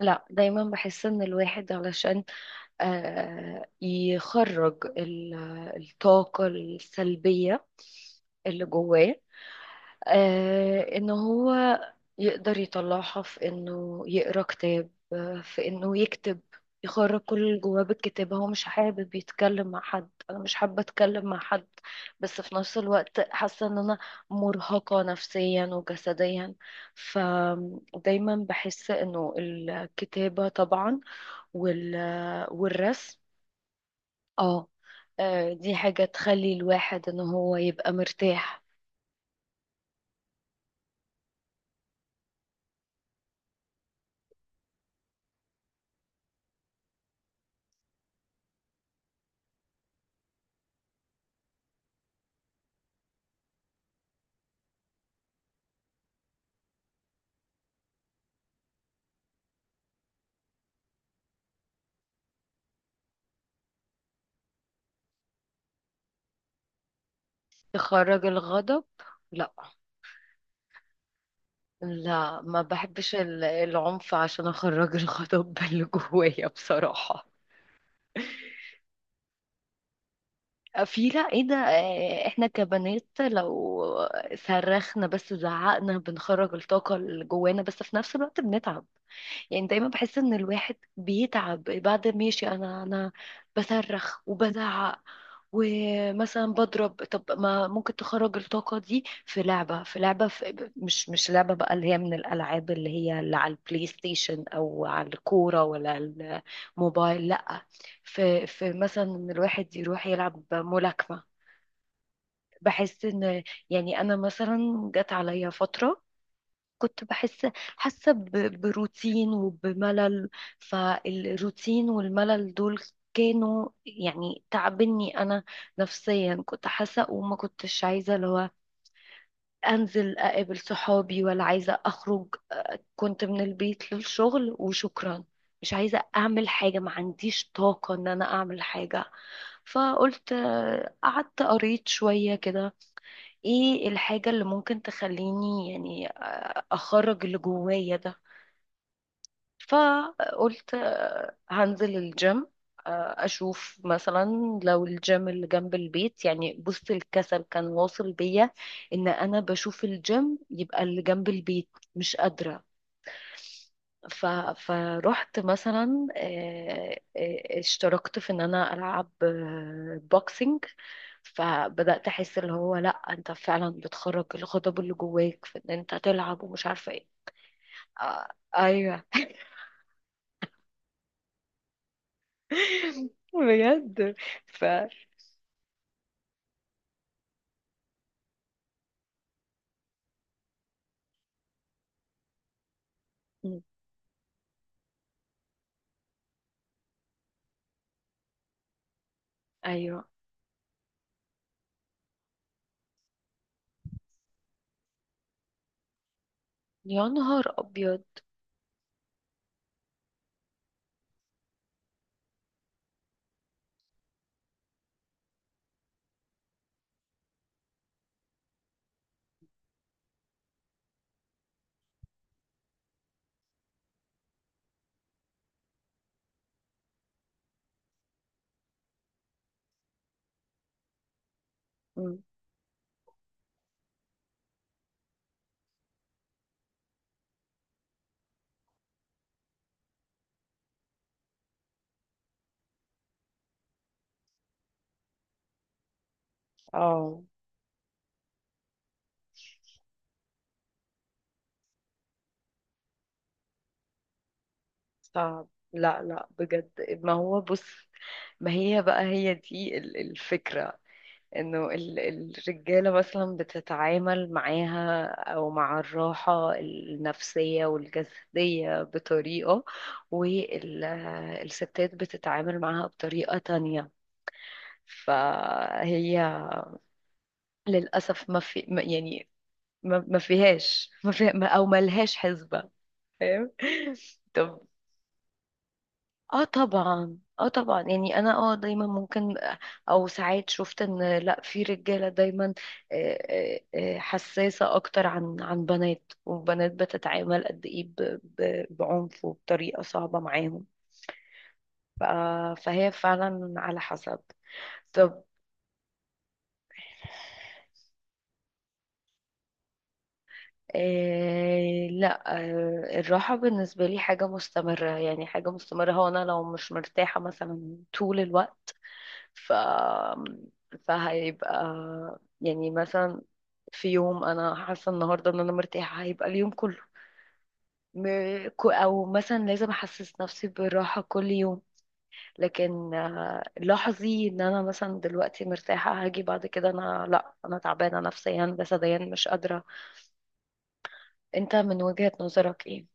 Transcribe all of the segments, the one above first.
لا، دايما بحس ان الواحد علشان يخرج الطاقة السلبية اللي جواه، ان هو يقدر يطلعها في انه يقرا كتاب، في انه يكتب. يخرج كل اللي جواه بالكتابة. هو مش حابب يتكلم مع حد، انا مش حابة اتكلم مع حد، بس في نفس الوقت حاسة ان انا مرهقة نفسيا وجسديا. فدايما بحس انه الكتابة طبعا وال... والرسم، اه دي حاجة تخلي الواحد ان هو يبقى مرتاح. تخرج الغضب. لا، لا، ما بحبش العنف عشان اخرج الغضب اللي جوايا بصراحة. في لا ايه ده، احنا كبنات لو صرخنا بس زعقنا بنخرج الطاقة اللي جوانا، بس في نفس الوقت بنتعب. يعني دايما بحس ان الواحد بيتعب بعد ما ماشي. انا بصرخ وبزعق ومثلا بضرب. طب ما ممكن تخرج الطاقة دي في لعبة، في مش لعبة بقى، اللي هي من الألعاب اللي هي اللي على البلاي ستيشن أو على الكورة ولا على الموبايل. لأ، في مثلا إن الواحد يروح يلعب ملاكمة. بحس إن، يعني أنا مثلا جت عليا فترة كنت بحس، حاسة بروتين وبملل. فالروتين والملل دول كانوا يعني تعبني أنا نفسيا. كنت حاسة وما كنتش عايزة اللي هو أنزل أقابل صحابي ولا عايزة أخرج. كنت من البيت للشغل وشكرا. مش عايزة أعمل حاجة، ما عنديش طاقة إن أنا أعمل حاجة. فقلت، قعدت قريت شوية كده، ايه الحاجة اللي ممكن تخليني يعني اخرج اللي جوايا ده. فقلت هنزل الجيم، اشوف مثلا لو الجيم اللي جنب البيت. يعني بص، الكسل كان واصل بيا ان انا بشوف الجيم يبقى اللي جنب البيت مش قادرة. ف... فرحت مثلا، اشتركت في ان انا العب بوكسينج. فبدأت احس اللي هو لا انت فعلا بتخرج الغضب اللي جواك في ان انت تلعب ومش عارفة ايه. آه، ايوه، بجد. ف مم. ايوه. يا نهار ابيض. مم. اه، صعب. لا، لا، بجد. ما هو بص، ما هي بقى هي دي الفكرة، انه الرجالة مثلا بتتعامل معاها او مع الراحة النفسية والجسدية بطريقة، والستات بتتعامل معاها بطريقة تانية. فهي للأسف ما في يعني ما فيهاش، ما فيها ما، او ملهاش حسبة. فاهم؟ طب. اه طبعا، اه طبعا، يعني انا دايما ممكن، او ساعات شفت ان لا في رجالة دايما آه، حساسة اكتر عن بنات، والبنات بتتعامل قد ايه بعنف وبطريقة صعبة معاهم. فهي فعلا على حسب. طب، لا، الراحة بالنسبة لي حاجة مستمرة. يعني حاجة مستمرة، هو أنا لو مش مرتاحة مثلا طول الوقت، ف فهيبقى يعني مثلا في يوم أنا حاسة النهاردة إن أنا مرتاحة هيبقى اليوم كله. أو مثلا لازم أحسس نفسي بالراحة كل يوم، لكن لاحظي إن أنا مثلا دلوقتي مرتاحة هاجي بعد كده أنا، لا أنا تعبانة نفسيا جسديا مش قادرة. أنت من وجهة نظرك إيه؟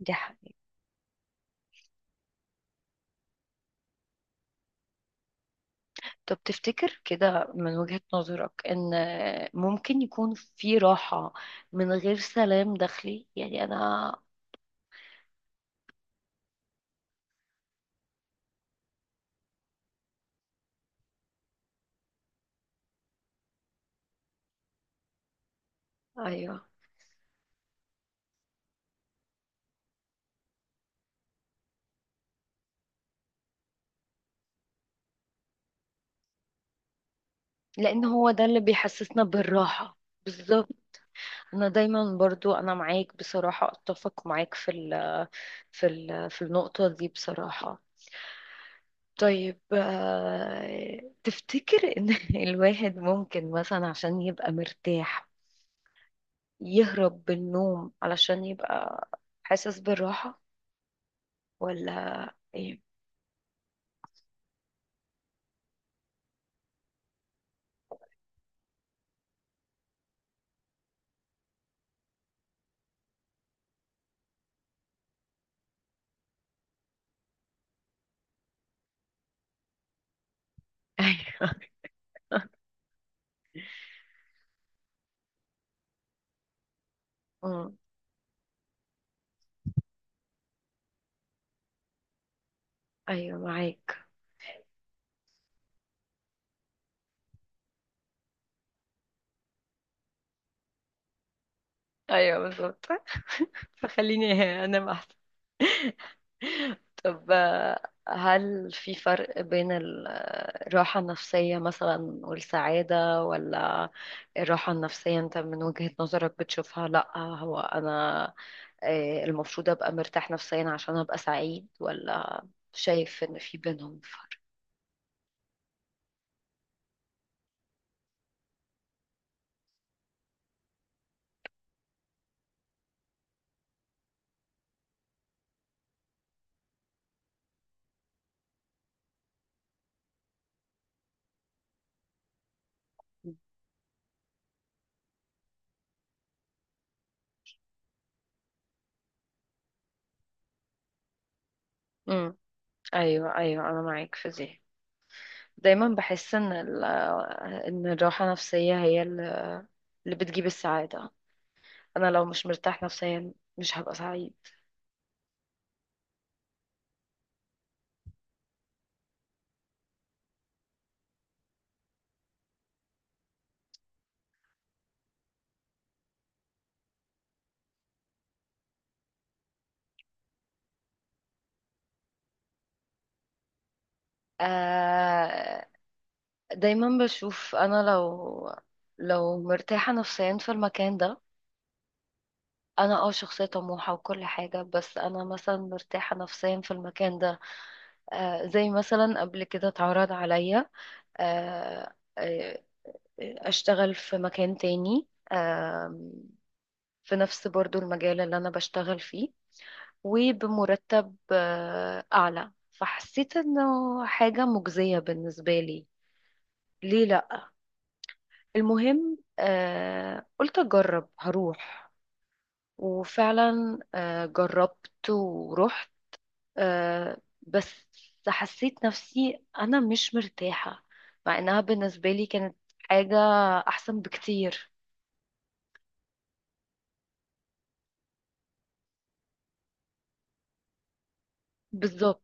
دي حقيقة. طب تفتكر كده من وجهة نظرك ان ممكن يكون في راحة من غير سلام داخلي، يعني انا. ايوه. لان هو ده اللي بيحسسنا بالراحة. بالظبط. انا دايما برضو انا معاك بصراحة، اتفق معاك في النقطة دي بصراحة. طيب، تفتكر ان الواحد ممكن مثلا عشان يبقى مرتاح يهرب بالنوم علشان يبقى حاسس بالراحة، ولا ايه؟ ايوه أمم. ايوه، معاك. ايوه، بالظبط. فخليني انام احسن. طب هل في فرق بين الراحة النفسية مثلا والسعادة، ولا الراحة النفسية انت من وجهة نظرك بتشوفها لا هو انا المفروض ابقى مرتاح نفسيا عشان ابقى سعيد، ولا شايف ان في بينهم فرق؟ امم. ايوه، ايوه، انا معاك في دي. دايما بحس ان ان الراحة النفسية هي اللي بتجيب السعادة. أنا لو مش مرتاح نفسيا مش هبقى سعيد. آه دايما بشوف أنا لو مرتاحة نفسيا في المكان ده، أنا شخصية طموحة وكل حاجة، بس أنا مثلا مرتاحة نفسيا في المكان ده. زي مثلا قبل كده اتعرض عليا آه آه، أشتغل في مكان تاني، في نفس برضو المجال اللي أنا بشتغل فيه وبمرتب أعلى، فحسيت إنه حاجة مجزية بالنسبة لي. ليه لأ؟ المهم قلت أجرب هروح. وفعلا جربت ورحت، بس حسيت نفسي أنا مش مرتاحة، مع إنها بالنسبة لي كانت حاجة أحسن بكتير. بالظبط.